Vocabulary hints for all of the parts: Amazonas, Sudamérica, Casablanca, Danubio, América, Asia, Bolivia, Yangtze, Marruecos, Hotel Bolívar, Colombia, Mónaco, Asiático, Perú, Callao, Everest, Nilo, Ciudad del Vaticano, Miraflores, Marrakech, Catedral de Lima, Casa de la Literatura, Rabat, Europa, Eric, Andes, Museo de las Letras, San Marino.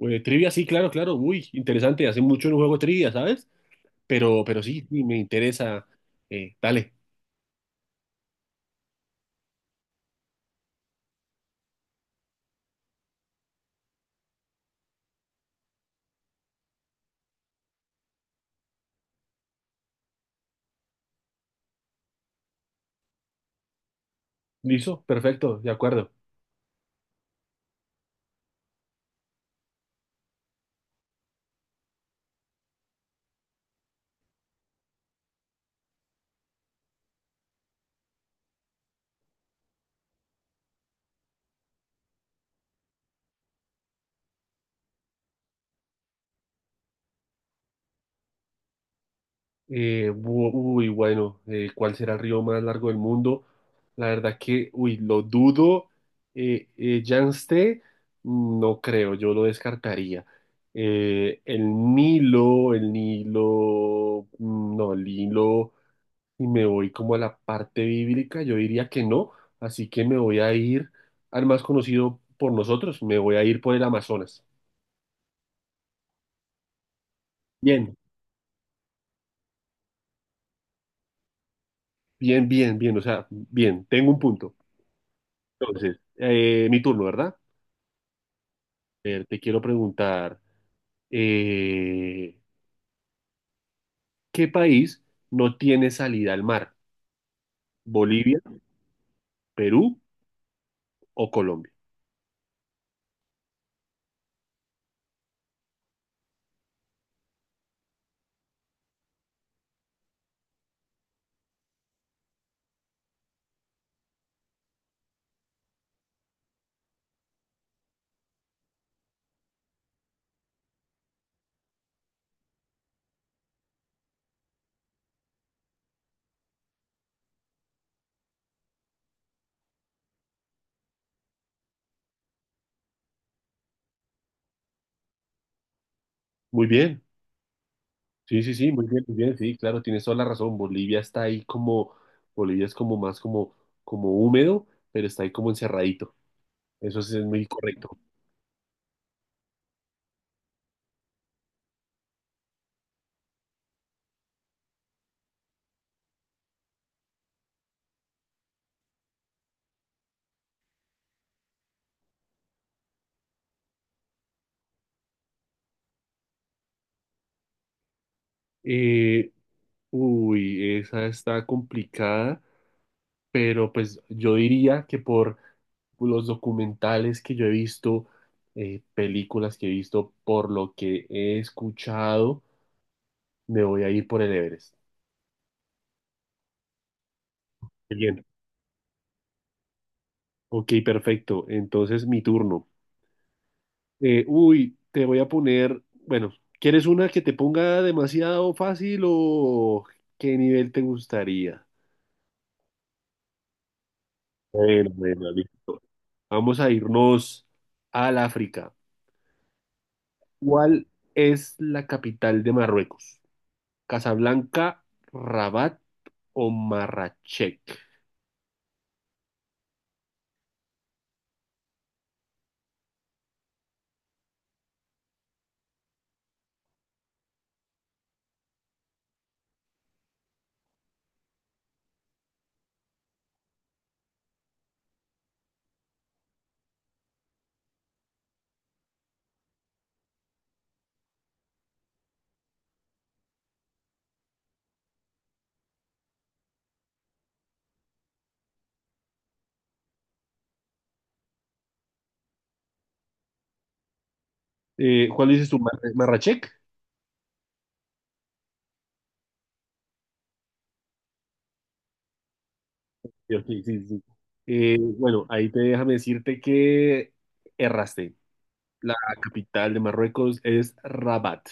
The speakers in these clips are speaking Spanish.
Trivia, sí, claro, claro. Uy, interesante. Hace mucho no juego trivia, ¿sabes? Pero sí, me interesa. Dale. ¿Listo? Perfecto, de acuerdo. ¿Cuál será el río más largo del mundo? La verdad que, uy, lo dudo. Yangtze, no creo, yo lo descartaría. Eh, el el Nilo, no, el Nilo. Y me voy como a la parte bíblica, yo diría que no, así que me voy a ir al más conocido por nosotros, me voy a ir por el Amazonas. Bien, bien, bien, bien, o sea, bien, tengo un punto. Entonces, mi turno, ¿verdad? Te quiero preguntar, eh, ¿qué país no tiene salida al mar? ¿Bolivia, Perú o Colombia? Muy bien. Sí, sí, sí, muy bien, sí, claro, tienes toda la razón. Bolivia está ahí como, Bolivia es como más como, como húmedo, pero está ahí como encerradito. Eso sí es muy correcto. Eh, uy, esa está complicada, pero pues yo diría que por los documentales que yo he visto, películas que he visto, por lo que he escuchado, me voy a ir por el Everest. Bien, ok, perfecto. Entonces mi turno. Uy, te voy a poner, bueno, ¿quieres una que te ponga demasiado fácil o qué nivel te gustaría? Bueno, bueno, listo. Vamos a irnos al África. ¿Cuál es la capital de Marruecos? ¿Casablanca, Rabat o Marrakech? ¿Cuál dices tú? ¿Mar- ¿Marrakech? Yo, sí, sí, sí. Bueno, ahí te déjame decirte que erraste. La capital de Marruecos es Rabat.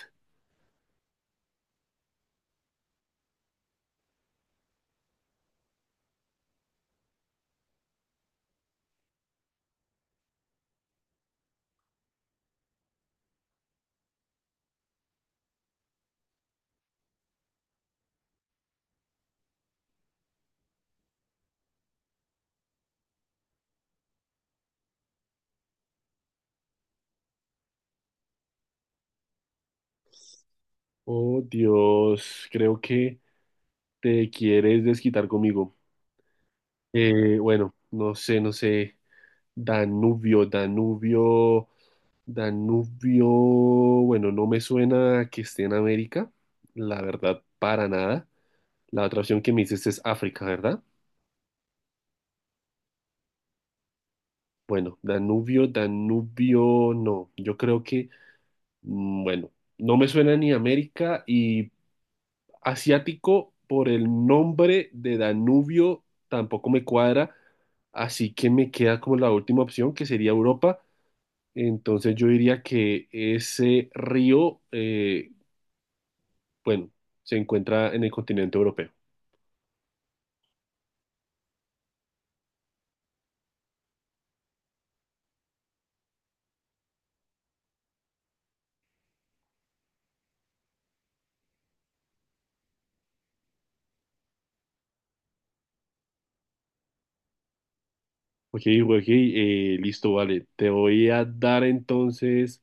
Oh, Dios, creo que te quieres desquitar conmigo. Bueno, no sé, no sé. Danubio, Danubio, Danubio. Bueno, no me suena que esté en América, la verdad, para nada. La otra opción que me dices es África, ¿verdad? Bueno, Danubio, Danubio, no. Yo creo que, bueno, no me suena ni América y Asiático por el nombre de Danubio tampoco me cuadra, así que me queda como la última opción que sería Europa. Entonces yo diría que ese río, bueno, se encuentra en el continente europeo. Ok, ok, listo, vale. Te voy a dar entonces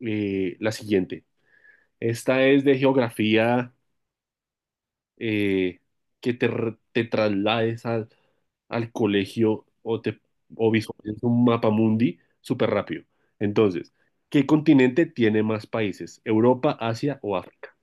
la siguiente. Esta es de geografía eh, que te, te traslades al colegio o o visualices un mapa mundi súper rápido. Entonces, ¿qué continente tiene más países? ¿Europa, Asia o África?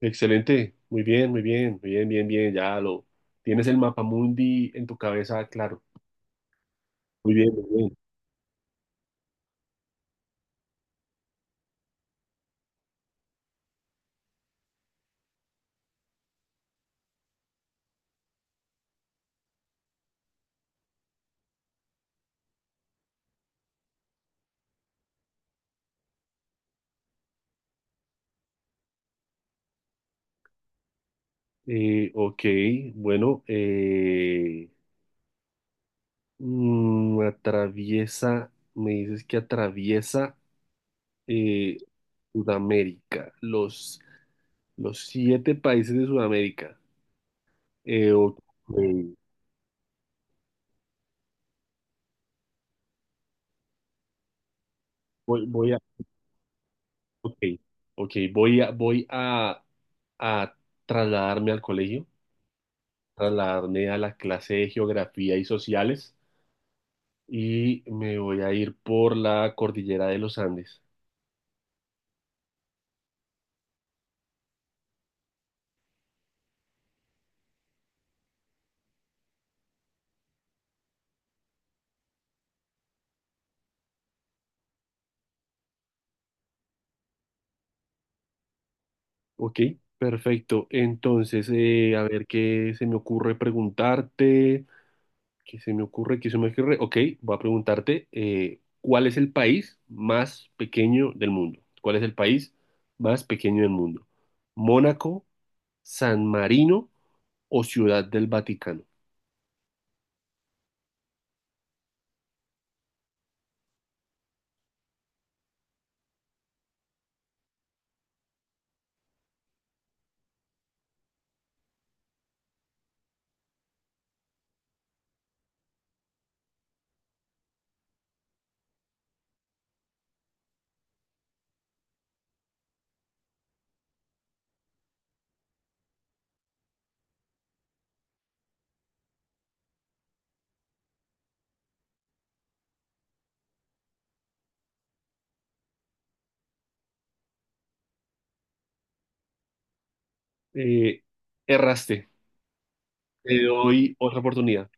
Excelente, muy bien, muy bien, muy bien, bien, bien, ya lo tienes el mapa mundi en tu cabeza, claro. Muy bien, muy bien. Ok, bueno, atraviesa, me dices que atraviesa. eh, Sudamérica, los siete países de Sudamérica. Ok, Voy, voy a, ok, ok, voy a, voy a trasladarme al colegio, trasladarme a la clase de geografía y sociales y me voy a ir por la cordillera de los Andes. Ok, perfecto. Entonces, a ver qué se me ocurre preguntarte. ¿Qué se me ocurre? ¿Qué se me ocurre? Ok, voy a preguntarte, ¿cuál es el país más pequeño del mundo? ¿Cuál es el país más pequeño del mundo? ¿Mónaco, San Marino o Ciudad del Vaticano? Eh, erraste, te doy otra oportunidad.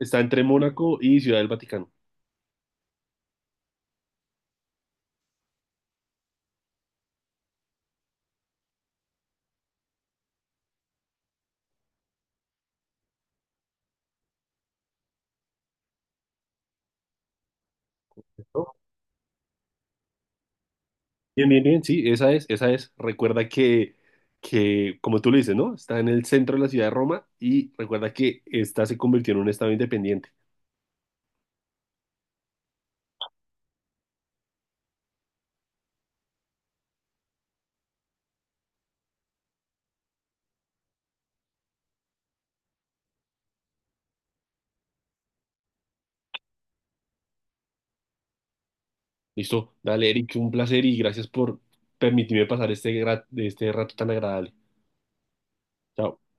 Está entre Mónaco y Ciudad del Vaticano. ¿No? Bien, bien, bien, sí, esa es, esa es. Recuerda que, como tú lo dices, ¿no? Está en el centro de la ciudad de Roma y recuerda que esta se convirtió en un estado independiente. Listo, dale, Eric, un placer y gracias por permitirme pasar este, este rato tan agradable. Chao.